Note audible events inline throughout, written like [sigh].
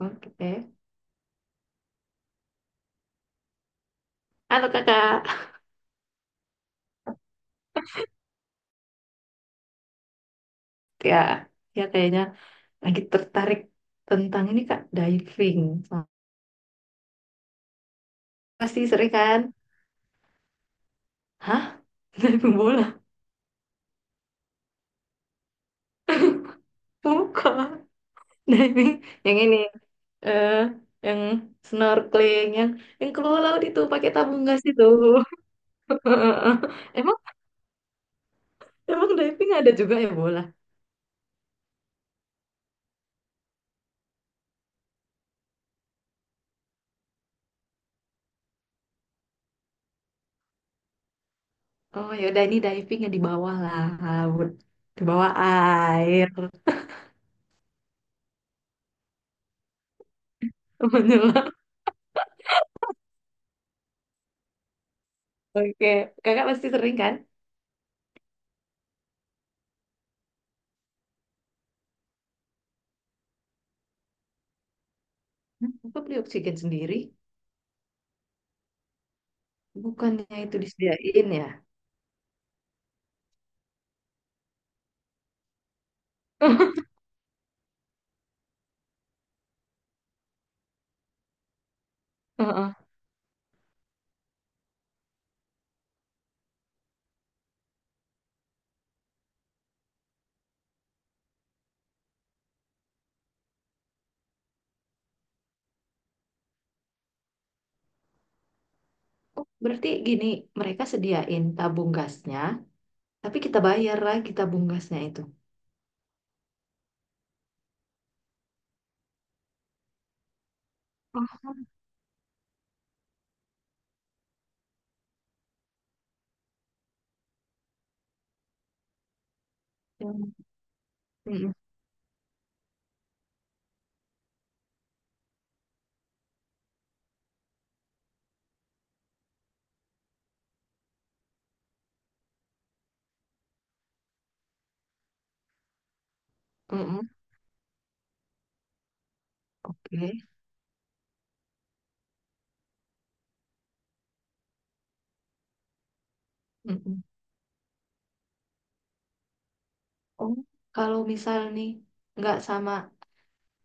Oke. Halo kakak. Ya, kayaknya lagi tertarik tentang ini kak, diving. Pasti sering kan? Hah? [laughs] Diving bola? Bukan. Diving yang ini. eh yang snorkeling, yang keluar laut itu pakai tabung gas itu. [laughs] Emang emang diving ada juga ya bola? Oh ya udah ini diving yang di bawah laut, di bawah air. [laughs] Menyelam. Oke, kakak pasti sering kan? Aku beli oksigen sendiri. Bukannya itu disediain ya? [laughs] Heeh. Oh, berarti gini, mereka sediain tabung gasnya, tapi kita bayar lagi tabung gasnya itu. Oh, ya. Mm-mm. Mm-mm. Oke. Mm-mm. Oh, kalau misal nih nggak sama,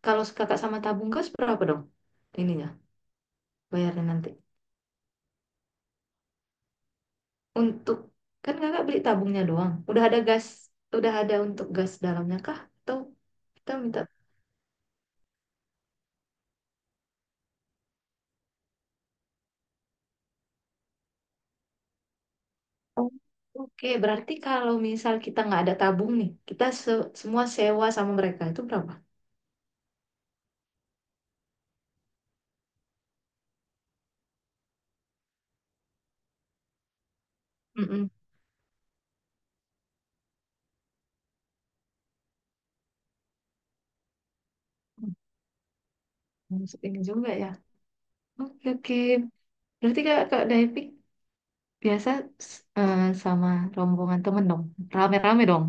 kalau kakak sama tabung gas berapa dong? Ininya, bayarnya nanti. Untuk kan kakak beli tabungnya doang. Udah ada gas, udah ada untuk gas dalamnya kah? Atau kita minta. Oh, oke, berarti kalau misal kita nggak ada tabung nih, kita se- semua sewa sama mereka itu berapa? Mm-mm. Hmm, ini juga ya. Oke, oke. Berarti kak, kak diving biasa s- eh, sama rombongan temen dong, rame-rame dong.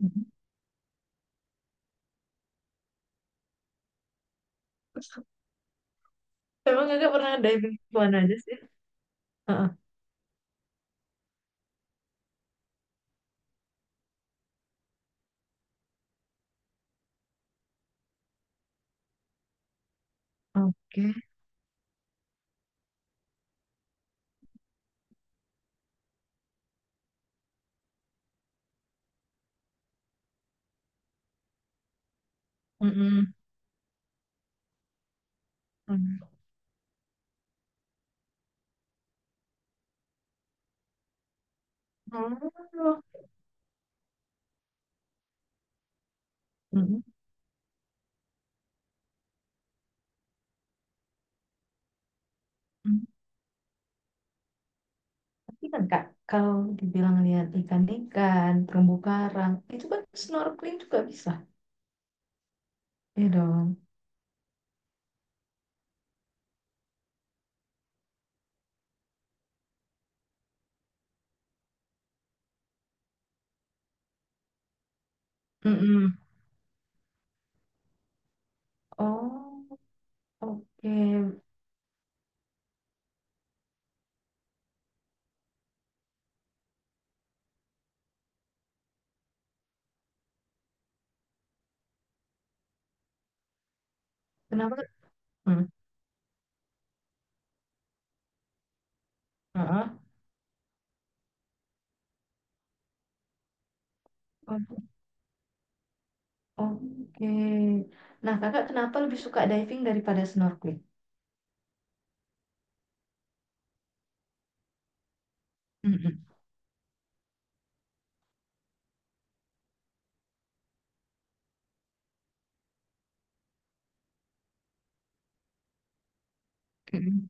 Mhm. Emang kakak pernah diving di mana aja sih? Heeh. Oke. Mm-mm. Mm. Oh. Mm-mm. Mm. Tapi kan kak, kalau dibilang lihat ikan-ikan, terumbu karang, itu kan snorkeling juga bisa. Iya dong. Mm-mm. Oh, oke. Kenapa? Hmm. Heeh. Oh, oke. Nah, kakak kenapa lebih suka diving daripada snorkeling? Mm-mm. Mm-mm.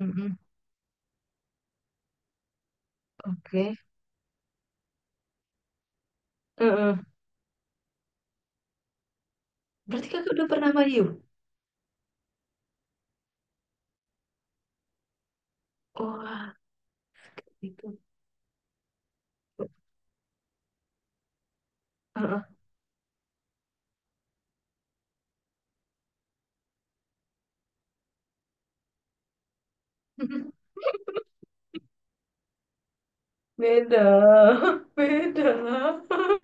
Mm-mm. Oke. Heeh. Berarti kakak udah pernah mayung? Wah, itu. Heeh. [laughs] Beda. [laughs] Beda. [laughs]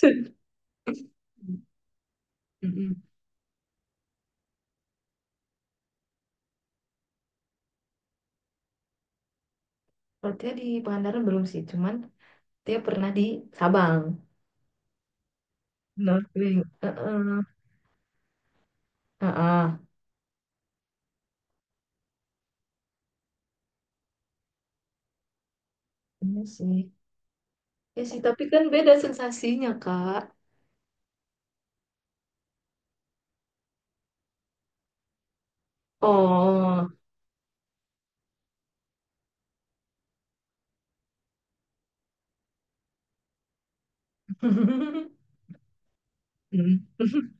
Cun. Mm-mm. Kalau dia di Pangandaran belum sih, cuman dia pernah di Sabang. Snorkeling. Heeh. Heeh. Iya sih. Ya sih, tapi kan beda sensasinya, Kak. Oh. [laughs] Hmm. [laughs]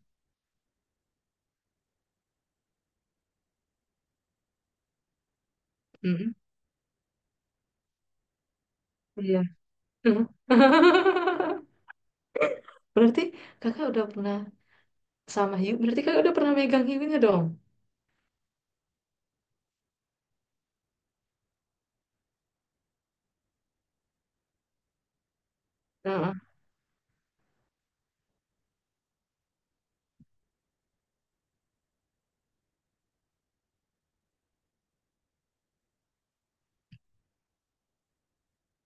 Mm-mm. Iya. Hmm. [laughs] Berarti kakak udah pernah sama hiu. Berarti kakak udah pernah megang hiunya dong. Heeh.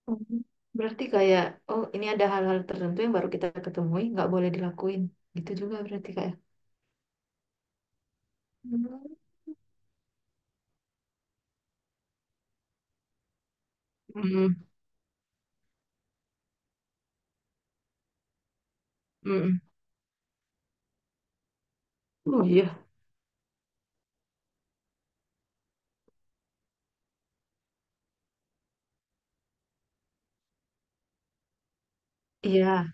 Mm. Berarti kayak, oh ini ada hal-hal tertentu yang baru kita ketemui, nggak boleh dilakuin. Gitu juga berarti kayak. Mm. Mm. Oh iya. Iya,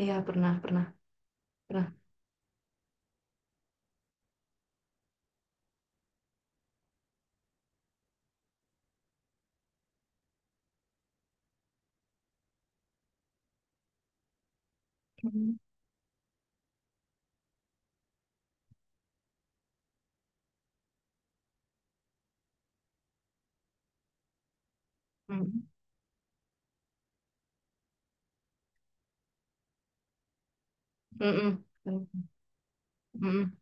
iya pernah, pernah, pernah. Mm. Mm. Mm-mm. Mm. Mm.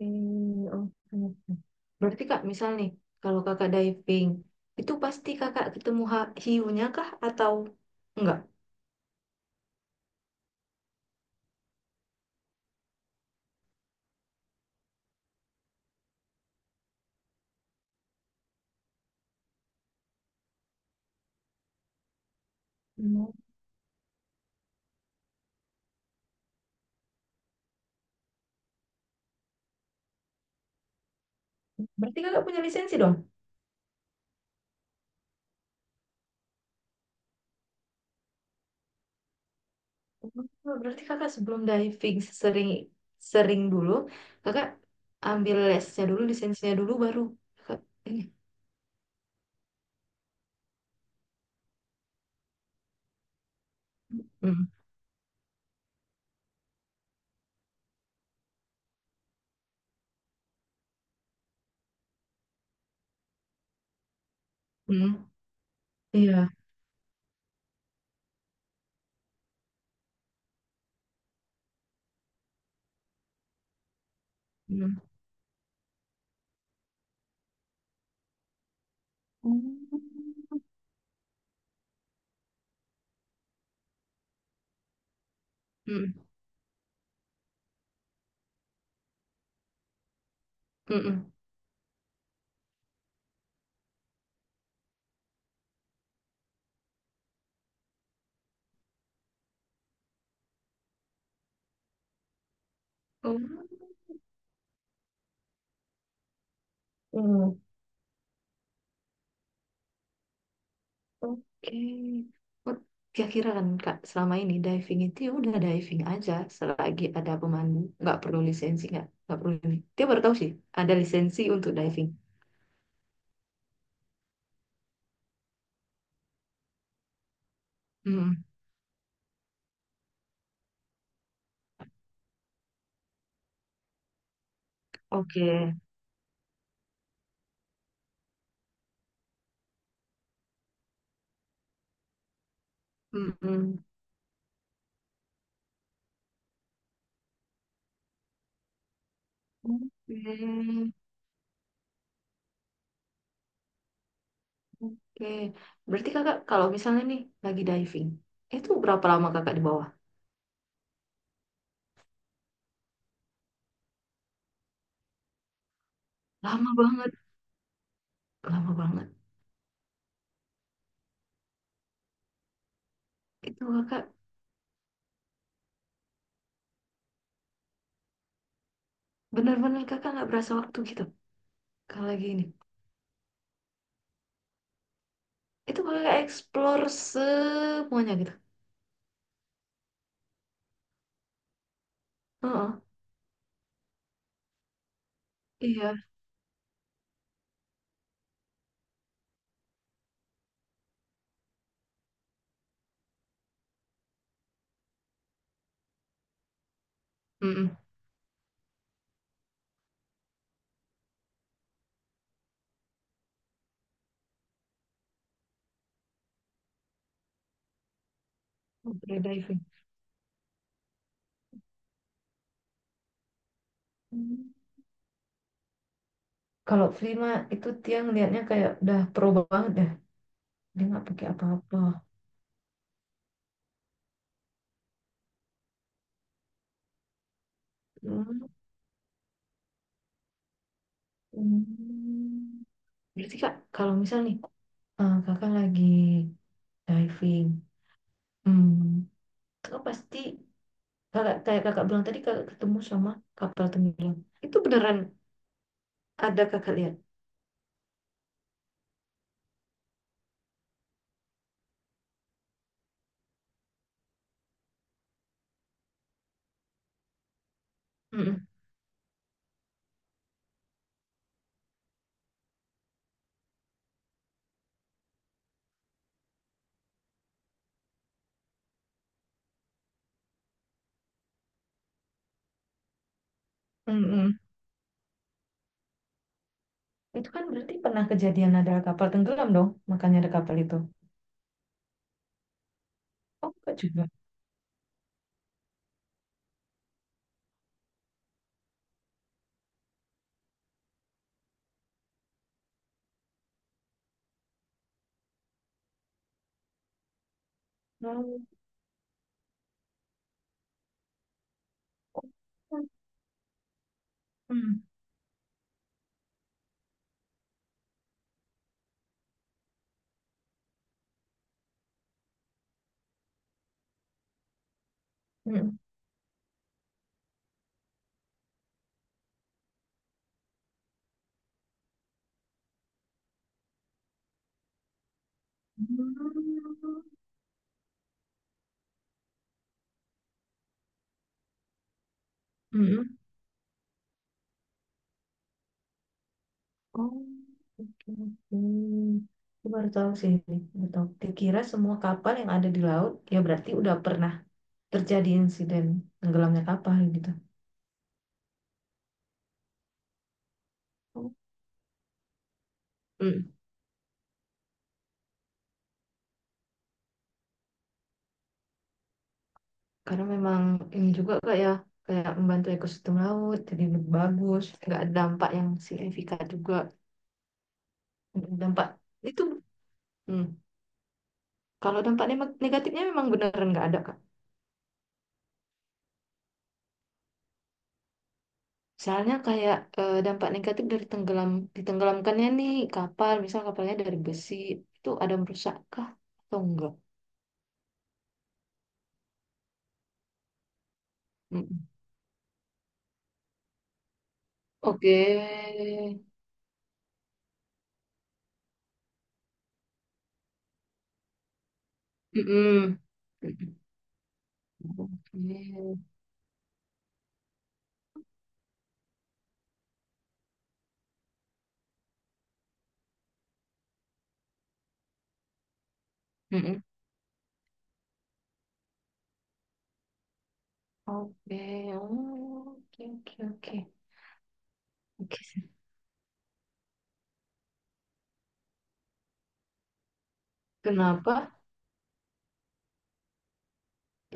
Hmm, oke, oke. Berarti Kak, misal nih, kalau Kakak diving, itu pasti Kakak ketemu ha- hiunya kah atau enggak? Hmm. Berarti Kakak punya lisensi dong? Oh, berarti Kakak sebelum diving sering sering dulu, Kakak ambil lesnya dulu, lisensinya dulu baru Kakak ini. Hmm, hmm, iya. Hmm, hmm. Hmm, hmm, hmm. Oh. Oke. Oh, kira-kira kan Kak, selama ini diving itu ya udah diving aja selagi ada pemandu, nggak perlu lisensi nggak perlu ini. Dia baru tahu sih ada lisensi untuk diving. Hmm, oke. Mm-mm. Oke, oke. Berarti kakak kalau misalnya nih lagi diving, itu berapa lama kakak di bawah? Lama banget, lama banget. Itu kakak benar-benar kakak nggak berasa waktu gitu. Kalau lagi ini, itu kakak explore semuanya gitu. Heeh. Iya, mm-mm. Oh, skydiving. Hmm. Kalau free mah itu dia ngelihatnya kayak udah pro banget dah. Dia nggak pakai apa-apa. Hmm. Hmm. Berarti kak, kalau misal nih kakak lagi diving, hmm, kakak pasti kakak kayak kakak bilang tadi kakak ketemu sama kapal tenggelam. Itu beneran ada kakak lihat. Mm-mm. Mm-mm. Itu kan berarti pernah kejadian ada kapal tenggelam dong, makanya ada kapal itu. Oh, enggak juga. Oh. Oh, hmm. Mm-mm. Hmm. Mm-mm. Oh, oke, oke. Aku baru tahu sih ini. Baru tahu. Dikira semua kapal yang ada di laut, ya berarti udah pernah terjadi insiden tenggelamnya kapal gitu. Oh. Mm. Karena memang ini juga kak ya, kayak membantu ekosistem laut, jadi lebih bagus, nggak ada dampak yang signifikan juga. Dampak itu, mm. Kalau dampak ne- negatifnya memang beneran nggak ada kak. Soalnya kayak dampak negatif dari tenggelam ditenggelamkannya nih kapal, misal kapalnya dari besi itu ada merusak kah atau enggak? Mm-mm. Oke. Mm-mm. Mm-mm. Oke. Mm-mm. Oke. Oh, oke, oke, oke. Oke. Kenapa?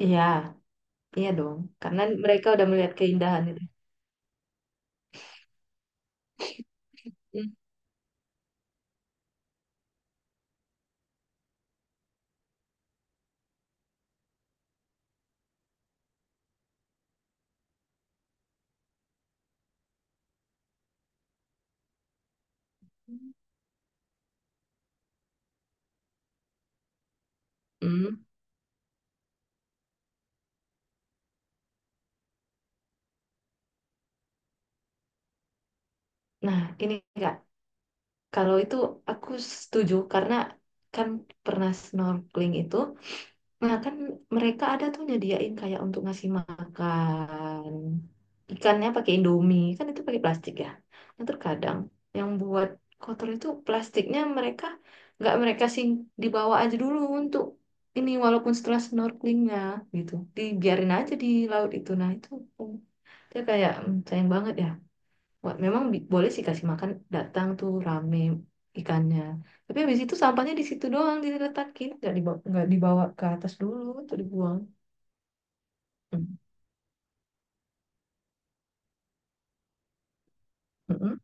Iya, iya dong. Karena mereka udah melihat keindahan itu. Mm. Hmm. Nah, ini enggak. Kalau itu aku setuju karena kan pernah snorkeling itu. Nah, kan mereka ada tuh nyediain kayak untuk ngasih makan ikannya pakai Indomie, kan itu pakai plastik ya. Nah, terkadang yang buat kotor itu plastiknya mereka nggak mereka sih dibawa aja dulu untuk ini walaupun setelah snorkelingnya gitu, dibiarin aja di laut itu. Nah, itu mm, dia kayak mm, sayang banget ya. Wah, memang bi- boleh sih kasih makan datang tuh rame ikannya. Tapi habis itu sampahnya di situ doang diletakin, nggak dibawa ke atas dulu atau dibuang. Mm, mm-mm,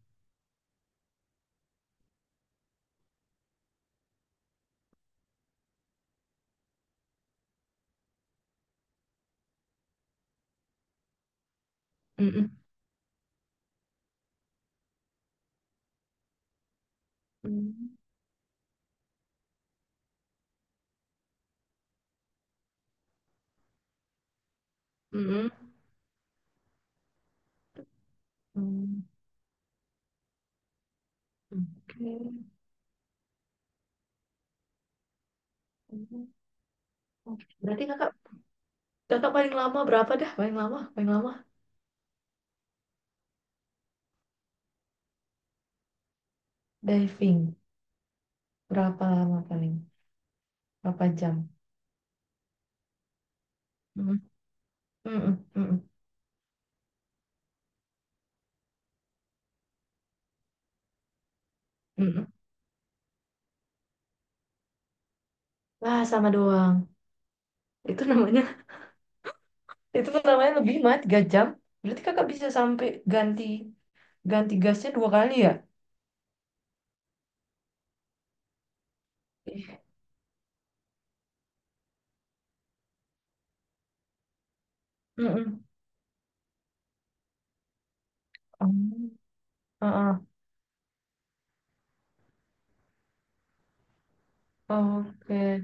mm-mm, mm, mm-mm, mm. Oke. Mm, oke. Berarti kakak kakak paling lama berapa dah? Paling lama diving. Berapa lama paling? Berapa jam? Mm, mm-mm, mm-mm, mm-mm. Wah, sama doang. Itu namanya, [laughs] itu namanya lebih mah 3 jam. Berarti kakak bisa sampai ganti. Ganti gasnya dua kali ya? Ih, mm-mm. Oh, heeh. Oke.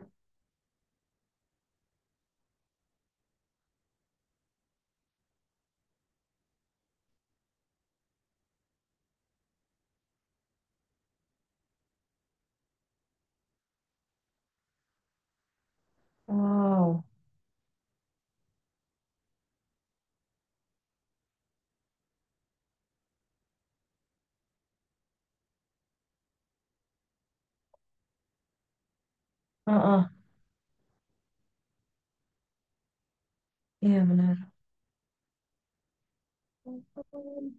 Wow. Heeh. Iya benar. Oke,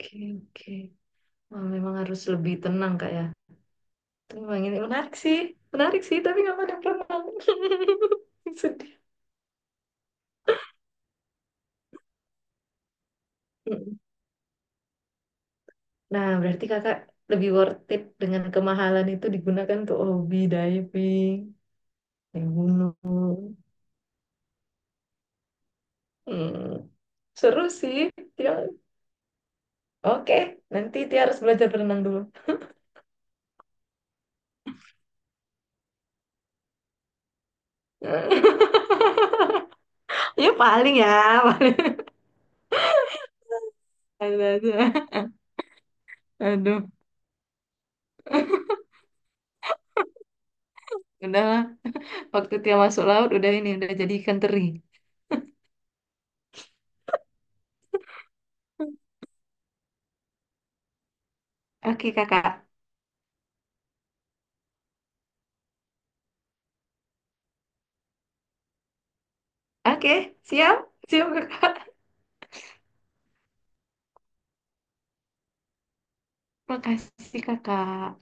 oke. Wah, memang harus lebih tenang kak ya. Tapi memang ini menarik sih. Menarik sih, tapi nggak pada perenang. [laughs] Sedih. Mm. Nah, berarti kakak lebih worth it dengan kemahalan itu digunakan untuk hobi diving, naik gunung. Hmm. Seru sih. Tia. Oke, nanti Tia harus belajar berenang dulu. [laughs] Ya paling ya paling ada aja. Aduh, udahlah. Waktu dia masuk laut udah ini udah jadi ikan teri. Oke kakak. Oke, siap, siap kakak. Makasih kakak.